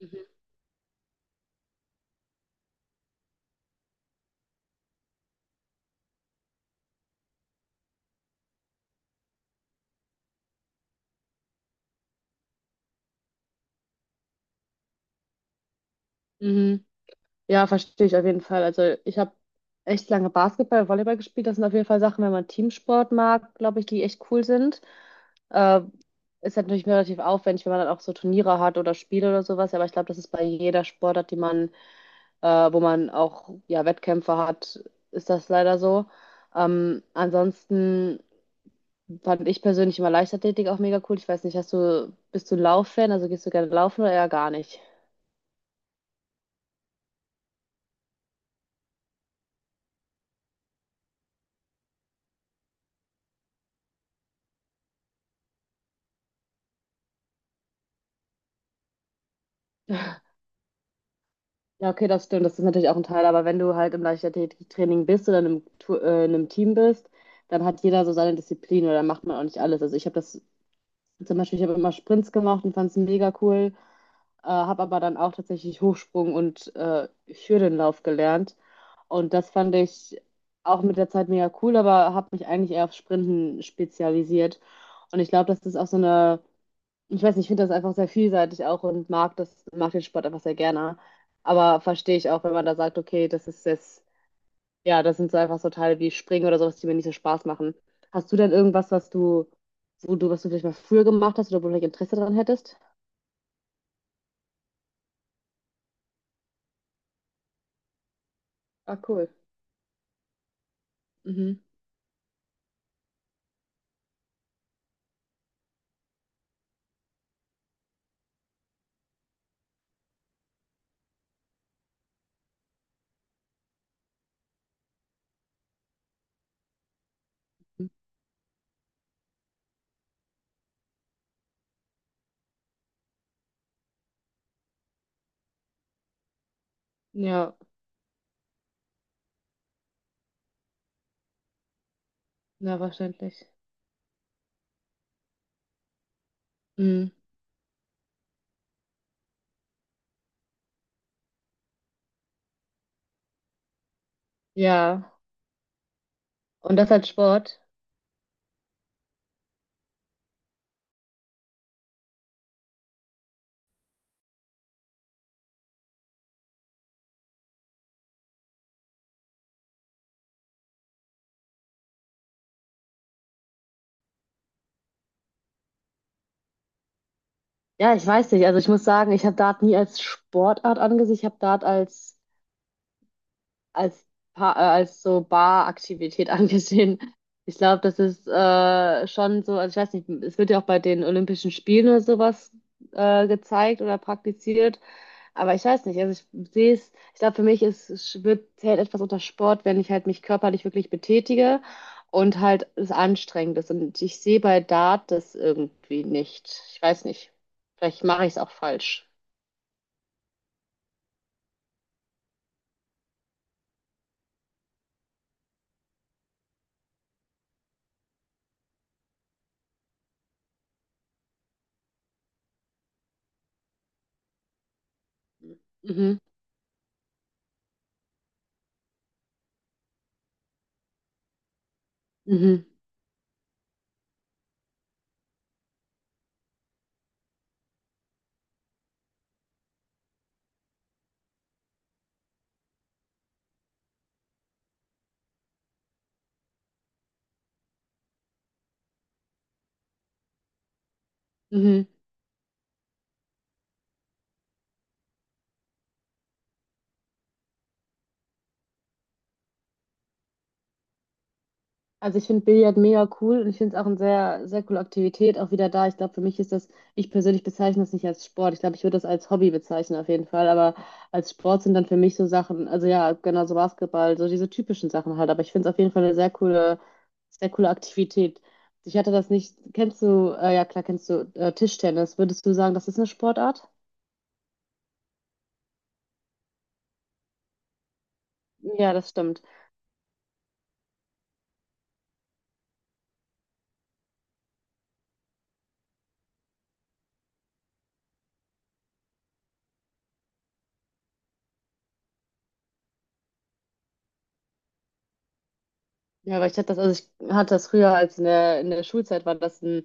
Mhm. Mhm. Ja, verstehe ich auf jeden Fall. Also ich habe echt lange Basketball, Volleyball gespielt. Das sind auf jeden Fall Sachen, wenn man Teamsport mag, glaube ich, die echt cool sind. Äh, Ist halt natürlich relativ aufwendig, wenn man dann auch so Turniere hat oder Spiele oder sowas. Aber ich glaube, das ist bei jeder Sportart, die man, äh, wo man auch ja Wettkämpfe hat, ist das leider so. Ansonsten fand ich persönlich immer Leichtathletik auch mega cool. Ich weiß nicht, hast du, bist du Lauffan? Also gehst du gerne laufen oder eher gar nicht? Ja, okay, das stimmt. Das ist natürlich auch ein Teil. Aber wenn du halt im Leichtathletiktraining bist oder in einem, in einem Team bist, dann hat jeder so seine Disziplin oder dann macht man auch nicht alles. Also ich habe das zum Beispiel, ich habe immer Sprints gemacht und fand es mega cool, habe aber dann auch tatsächlich Hochsprung und Hürdenlauf gelernt. Und das fand ich auch mit der Zeit mega cool, aber habe mich eigentlich eher auf Sprinten spezialisiert. Und ich glaube, das ist auch so eine, ich weiß nicht, ich finde das einfach sehr vielseitig auch und mag das, mag den Sport einfach sehr gerne. Aber verstehe ich auch, wenn man da sagt, okay, das ist jetzt, ja, das sind so einfach so Teile wie Springen oder sowas, die mir nicht so Spaß machen. Hast du denn irgendwas, was du, wo du, was du vielleicht mal früher gemacht hast oder wo du vielleicht Interesse daran hättest? Ah, cool. Mhm. Ja, ja, verständlich. Mhm. Ja. Und das als Sport? Ja, ich weiß nicht. Also ich muss sagen, ich habe Dart nie als Sportart angesehen. Ich habe Dart als als, als so Baraktivität angesehen. Ich glaube, das ist schon so, also ich weiß nicht, es wird ja auch bei den Olympischen Spielen oder sowas gezeigt oder praktiziert, aber ich weiß nicht, also ich sehe es, ich glaube, für mich ist, es wird, zählt etwas unter Sport, wenn ich halt mich körperlich wirklich betätige und halt es anstrengend ist. Und ich sehe bei Dart das irgendwie nicht. Ich weiß nicht, vielleicht mache ich es auch falsch. Mhm. Mhm. Mhm. Also ich finde Billard mega cool und ich finde es auch eine sehr, sehr coole Aktivität, auch wieder da. Ich glaube, für mich ist das, ich persönlich bezeichne das nicht als Sport. Ich glaube, ich würde das als Hobby bezeichnen auf jeden Fall, aber als Sport sind dann für mich so Sachen, also ja, genau so Basketball, so diese typischen Sachen halt. Aber ich finde es auf jeden Fall eine sehr coole Aktivität. Ich hatte das nicht, kennst du, ja klar, kennst du Tischtennis. Würdest du sagen, das ist eine Sportart? Ja, das stimmt. Ja, aber ich hatte das, also ich hatte das früher als in der Schulzeit war das ein,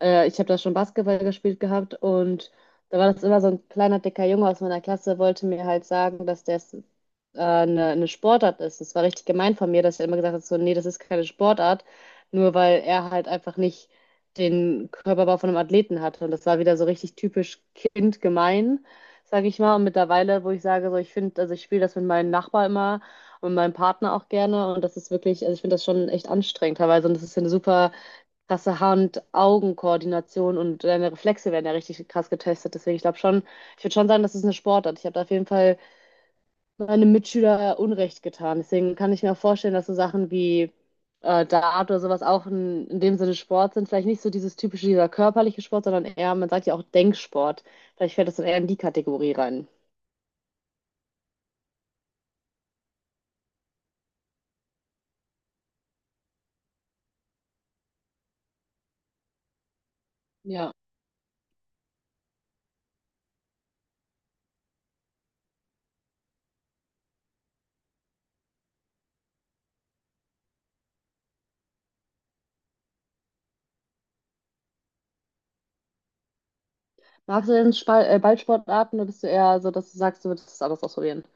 ich habe da schon Basketball gespielt gehabt und da war das immer so ein kleiner, dicker Junge aus meiner Klasse, wollte mir halt sagen, dass das eine Sportart ist. Das war richtig gemein von mir, dass er immer gesagt hat, so, nee, das ist keine Sportart, nur weil er halt einfach nicht den Körperbau von einem Athleten hatte. Und das war wieder so richtig typisch kindgemein, sage ich mal. Und mittlerweile, wo ich sage, so, ich finde, also ich spiele das mit meinen Nachbarn immer und meinem Partner auch gerne. Und das ist wirklich, also ich finde das schon echt anstrengend teilweise. Und das ist ja eine super krasse Hand-Augen-Koordination und deine Reflexe werden ja richtig krass getestet. Deswegen, ich glaube schon, ich würde schon sagen, das ist eine Sportart. Ich habe da auf jeden Fall meinem Mitschüler Unrecht getan. Deswegen kann ich mir auch vorstellen, dass so Sachen wie Dart oder sowas auch in dem Sinne Sport sind. Vielleicht nicht so dieses typische, dieser körperliche Sport, sondern eher, man sagt ja auch Denksport. Vielleicht fällt das dann eher in die Kategorie rein. Ja, magst du denn Spal Ballsportarten oder bist du eher so, dass du sagst, du würdest das alles ausprobieren?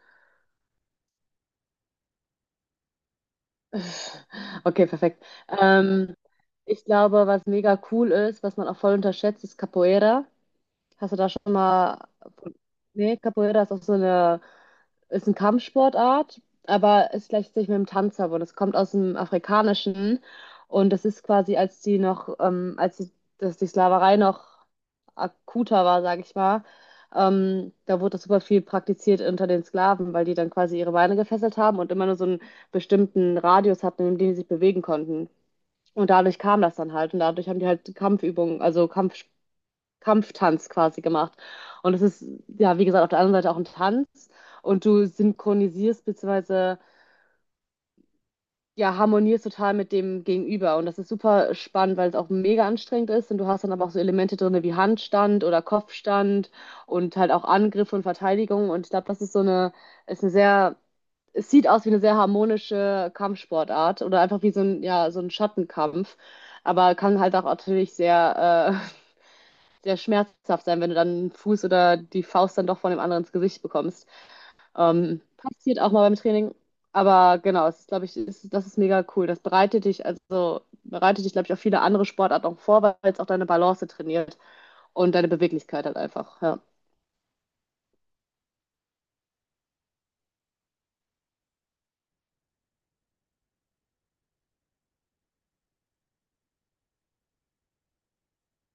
Okay, perfekt. Ähm, Ich glaube, was mega cool ist, was man auch voll unterschätzt, ist Capoeira. Hast du da schon mal. Nee, Capoeira ist auch so eine. Ist eine Kampfsportart, aber es gleicht sich mit dem Tanz ab und es kommt aus dem Afrikanischen. Und das ist quasi, als die noch. Als die, dass die Sklaverei noch akuter war, sage ich mal. Da wurde das super viel praktiziert unter den Sklaven, weil die dann quasi ihre Beine gefesselt haben und immer nur so einen bestimmten Radius hatten, in dem die sich bewegen konnten. Und dadurch kam das dann halt. Und dadurch haben die halt Kampfübungen, also Kampftanz quasi gemacht. Und es ist, ja, wie gesagt, auf der anderen Seite auch ein Tanz und du synchronisierst bzw. ja, harmonierst total mit dem Gegenüber. Und das ist super spannend, weil es auch mega anstrengend ist und du hast dann aber auch so Elemente drin wie Handstand oder Kopfstand und halt auch Angriff und Verteidigung. Und ich glaube, das ist so eine, ist eine sehr, es sieht aus wie eine sehr harmonische Kampfsportart oder einfach wie so ein, ja, so ein Schattenkampf. Aber kann halt auch natürlich sehr sehr schmerzhaft sein, wenn du dann einen Fuß oder die Faust dann doch von dem anderen ins Gesicht bekommst. Passiert auch mal beim Training. Aber genau, es ist, glaube ich, ist, das ist mega cool. Das bereitet dich, also bereitet dich, glaube ich, auf viele andere Sportarten auch vor, weil es auch deine Balance trainiert und deine Beweglichkeit halt einfach. Ja.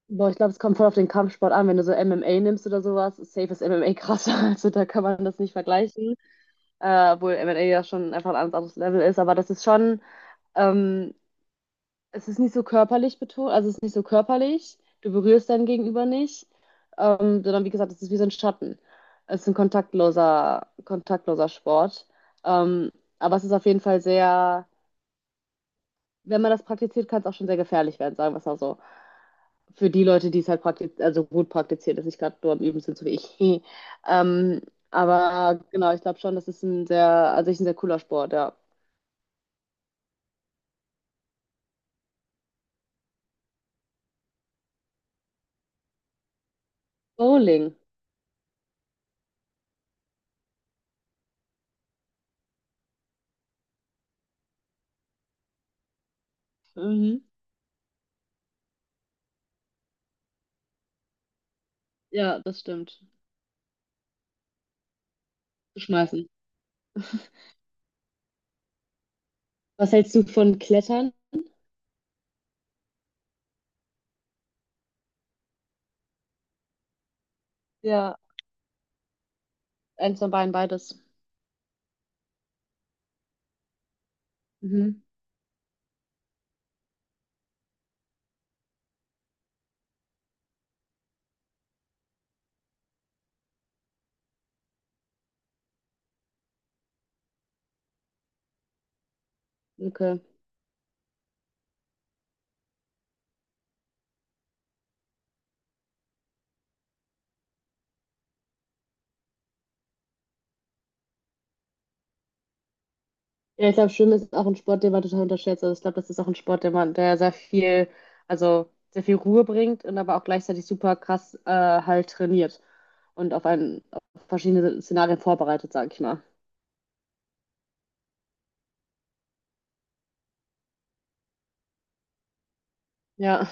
Boah, ich glaube, es kommt voll auf den Kampfsport an. Wenn du so MMA nimmst oder sowas, ist safe ist MMA krasser. Also da kann man das nicht vergleichen. Obwohl MMA ja schon einfach ein ganz anderes Level ist. Aber das ist schon, ähm, es ist nicht so körperlich betont, also es ist nicht so körperlich. Du berührst dein Gegenüber nicht, sondern wie gesagt, es ist wie so ein Schatten. Es ist ein kontaktloser, kontaktloser Sport. Ähm, aber es ist auf jeden Fall sehr, wenn man das praktiziert, kann es auch schon sehr gefährlich werden, sagen wir es mal so. Für die Leute, die es halt praktiz also gut praktizieren, dass ich gerade nur am Üben sind, so wie ich. Ähm, aber genau, ich glaube schon, das ist ein sehr, an sich ein sehr cooler Sport, ja. Bowling. Mhm. Ja, das stimmt. Zu schmeißen. Was hältst du von Klettern? Ja, eins von beiden, beides. Mhm. Okay. Ja, ich glaube, Schwimmen ist auch ein Sport, den man total unterschätzt. Also ich glaube, das ist auch ein Sport, der man, der sehr viel, also sehr viel Ruhe bringt und aber auch gleichzeitig super krass halt trainiert und auf einen auf verschiedene Szenarien vorbereitet, sage ich mal. Ja.